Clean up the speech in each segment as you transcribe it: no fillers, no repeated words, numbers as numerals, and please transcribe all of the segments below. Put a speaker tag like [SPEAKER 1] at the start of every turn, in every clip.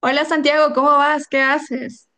[SPEAKER 1] Hola, Santiago, ¿cómo vas? ¿Qué haces?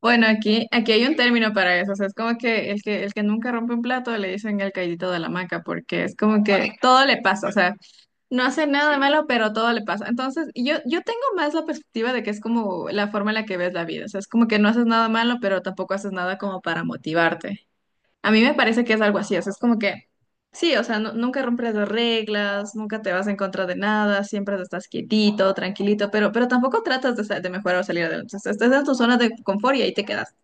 [SPEAKER 1] Bueno, aquí hay un término para eso, o sea, es como que el que nunca rompe un plato le dicen el caidito de la hamaca, porque es como que todo le pasa, o sea, no hace nada de malo, pero todo le pasa. Entonces, yo tengo más la perspectiva de que es como la forma en la que ves la vida, o sea, es como que no haces nada malo, pero tampoco haces nada como para motivarte. A mí me parece que es algo así, o sea, es como que, sí, o sea, nunca rompes las reglas, nunca te vas en contra de nada, siempre estás quietito, tranquilito, pero tampoco tratas de, de mejorar o salir adelante. O sea, estás en tu zona de confort y ahí te quedas.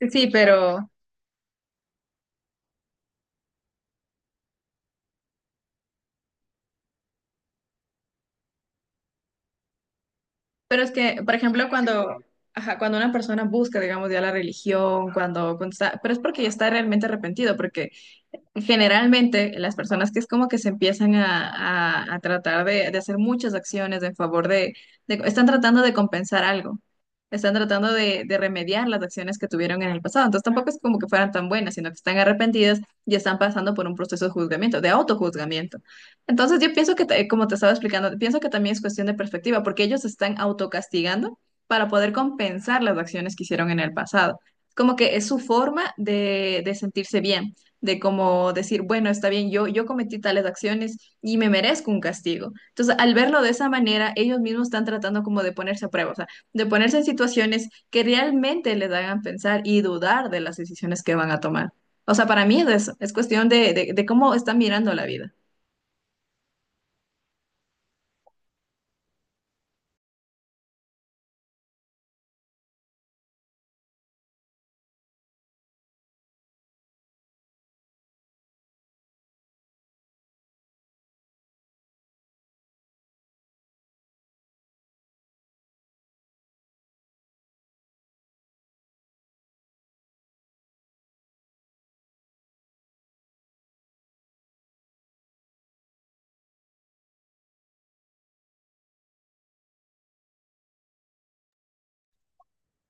[SPEAKER 1] Sí, sí, pero es que, por ejemplo, cuando, ajá, cuando una persona busca, digamos, ya la religión, cuando, cuando está, pero es porque ya está realmente arrepentido. Generalmente las personas que es como que se empiezan a, a tratar de hacer muchas acciones en favor de, están tratando de compensar algo, están tratando de remediar las acciones que tuvieron en el pasado. Entonces tampoco es como que fueran tan buenas, sino que están arrepentidas y están pasando por un proceso de juzgamiento, de autojuzgamiento. Entonces yo pienso que, como te estaba explicando, pienso que también es cuestión de perspectiva, porque ellos se están autocastigando para poder compensar las acciones que hicieron en el pasado. Como que es su forma de sentirse bien, de como decir, bueno, está bien, yo cometí tales acciones y me merezco un castigo. Entonces, al verlo de esa manera, ellos mismos están tratando como de ponerse a prueba, o sea, de ponerse en situaciones que realmente les hagan pensar y dudar de las decisiones que van a tomar. O sea, para mí es eso, es cuestión de cómo están mirando la vida.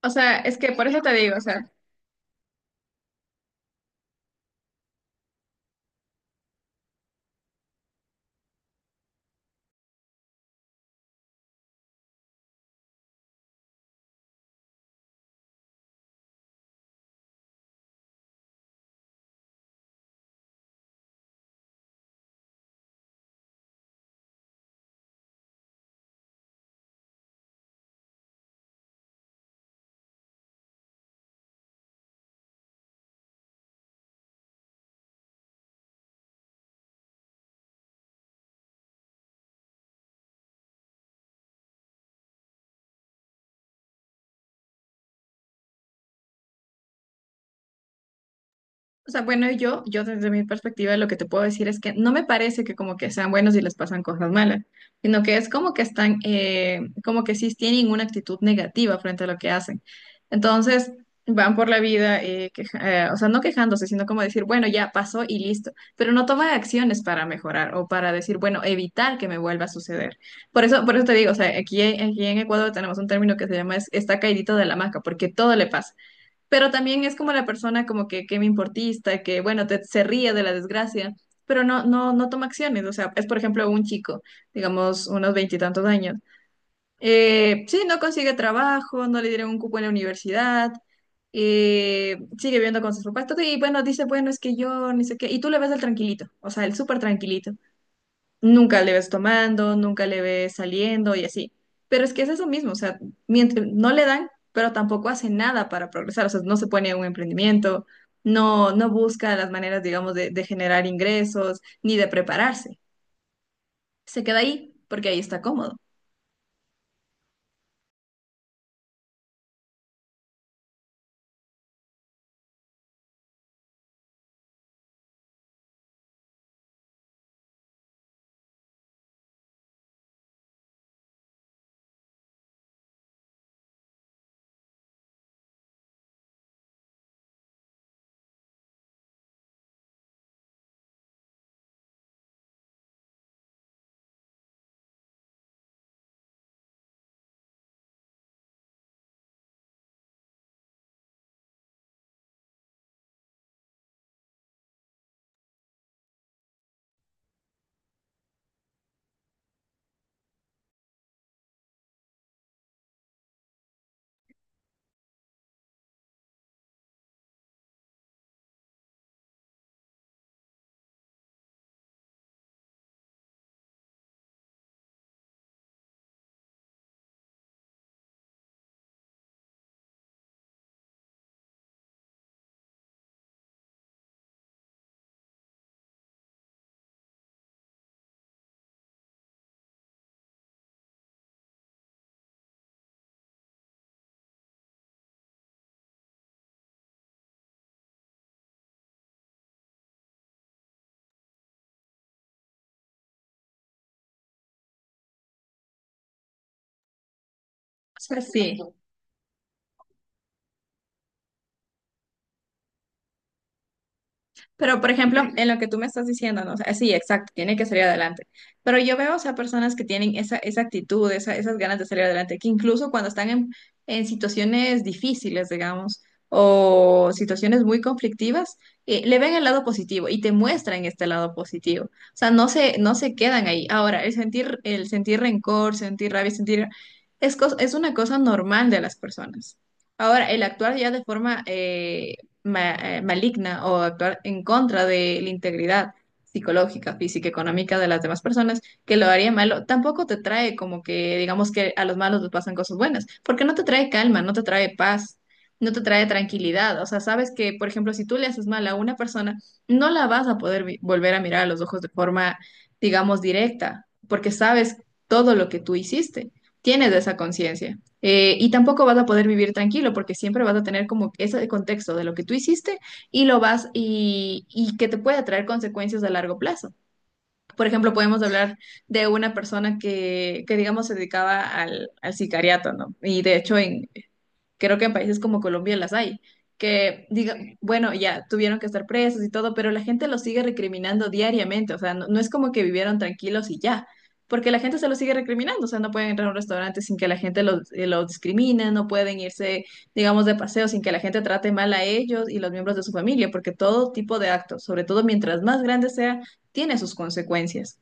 [SPEAKER 1] O sea, es que por eso te digo, o sea, o sea, bueno, yo desde mi perspectiva lo que te puedo decir es que no me parece que como que sean buenos y les pasan cosas malas, sino que es como que están, como que sí tienen una actitud negativa frente a lo que hacen. Entonces, van por la vida, o sea, no quejándose, sino como decir, bueno, ya pasó y listo, pero no toman acciones para mejorar o para decir, bueno, evitar que me vuelva a suceder. Por eso te digo, o sea, aquí, aquí en Ecuador tenemos un término que se llama está caidito de la hamaca, porque todo le pasa, pero también es como la persona como que me importista, que bueno, te, se ríe de la desgracia, pero no, no, no toma acciones. O sea, es por ejemplo un chico, digamos unos veintitantos años. Sí, no consigue trabajo, no le dieron un cupo en la universidad, sigue viviendo con sus papás, todo, y bueno, dice, bueno, es que yo, ni sé qué, y tú le ves el tranquilito, o sea, el súper tranquilito, nunca le ves tomando, nunca le ves saliendo y así. Pero es que es eso mismo, o sea, mientras no le dan, pero tampoco hace nada para progresar, o sea, no se pone a un emprendimiento, no, no busca las maneras, digamos, de generar ingresos, ni de prepararse. Se queda ahí porque ahí está cómodo. O sea, sí. Pero, por ejemplo, en lo que tú me estás diciendo, ¿no? O sea, sí, exacto, tiene que salir adelante. Pero yo veo, o sea, personas que tienen esa, esa actitud, esas ganas de salir adelante, que incluso cuando están en situaciones difíciles, digamos, o situaciones muy conflictivas, le ven el lado positivo y te muestran este lado positivo. O sea, no se, no se quedan ahí. Ahora, el sentir rencor, sentir rabia, sentir… es, es una cosa normal de las personas. Ahora, el actuar ya de forma… maligna, o actuar en contra de la integridad psicológica, física, económica de las demás personas, que lo haría malo, tampoco te trae como que, digamos que a los malos les pasan cosas buenas, porque no te trae calma, no te trae paz, no te trae tranquilidad. O sea, sabes que, por ejemplo, si tú le haces mal a una persona, no la vas a poder volver a mirar a los ojos de forma, digamos, directa, porque sabes todo lo que tú hiciste, tienes esa conciencia. Y tampoco vas a poder vivir tranquilo porque siempre vas a tener como ese contexto de lo que tú hiciste, y lo vas y que te puede traer consecuencias a largo plazo. Por ejemplo, podemos hablar de una persona que digamos, se dedicaba al, al sicariato, ¿no? Y de hecho, en, creo que en países como Colombia las hay, que diga, sí, bueno, ya tuvieron que estar presos y todo, pero la gente los sigue recriminando diariamente, o sea, no, no es como que vivieron tranquilos y ya, porque la gente se los sigue recriminando, o sea, no pueden entrar a un restaurante sin que la gente los discrimine, no pueden irse, digamos, de paseo sin que la gente trate mal a ellos y los miembros de su familia, porque todo tipo de actos, sobre todo mientras más grande sea, tiene sus consecuencias.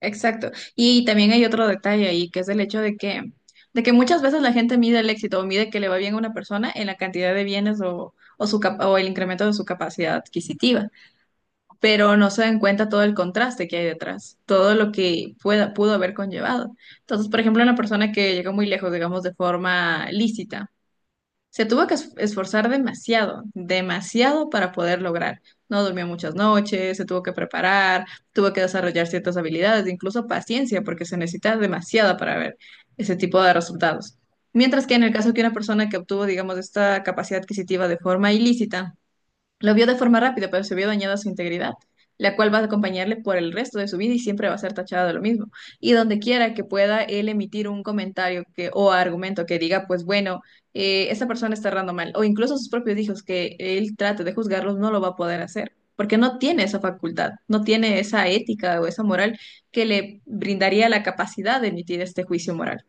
[SPEAKER 1] Exacto. Y también hay otro detalle ahí, que es el hecho de que muchas veces la gente mide el éxito o mide que le va bien a una persona en la cantidad de bienes o, su, o el incremento de su capacidad adquisitiva, pero no se dan cuenta todo el contraste que hay detrás, todo lo que pueda, pudo haber conllevado. Entonces, por ejemplo, una persona que llegó muy lejos, digamos, de forma lícita. Se tuvo que esforzar demasiado, demasiado para poder lograr. No durmió muchas noches, se tuvo que preparar, tuvo que desarrollar ciertas habilidades, incluso paciencia, porque se necesita demasiada para ver ese tipo de resultados. Mientras que en el caso que una persona que obtuvo, digamos, esta capacidad adquisitiva de forma ilícita, lo vio de forma rápida, pero se vio dañada su integridad, la cual va a acompañarle por el resto de su vida y siempre va a ser tachada de lo mismo. Y donde quiera que pueda él emitir un comentario que, o argumento que diga, pues bueno, esta persona está errando mal, o incluso sus propios hijos que él trate de juzgarlos, no lo va a poder hacer, porque no tiene esa facultad, no tiene esa ética o esa moral que le brindaría la capacidad de emitir este juicio moral.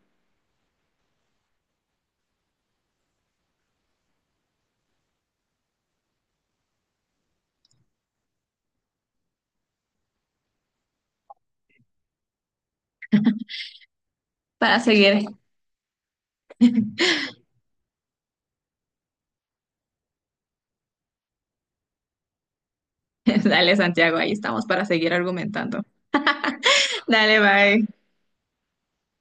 [SPEAKER 1] Para seguir, dale, Santiago, ahí estamos para seguir argumentando. Dale, bye.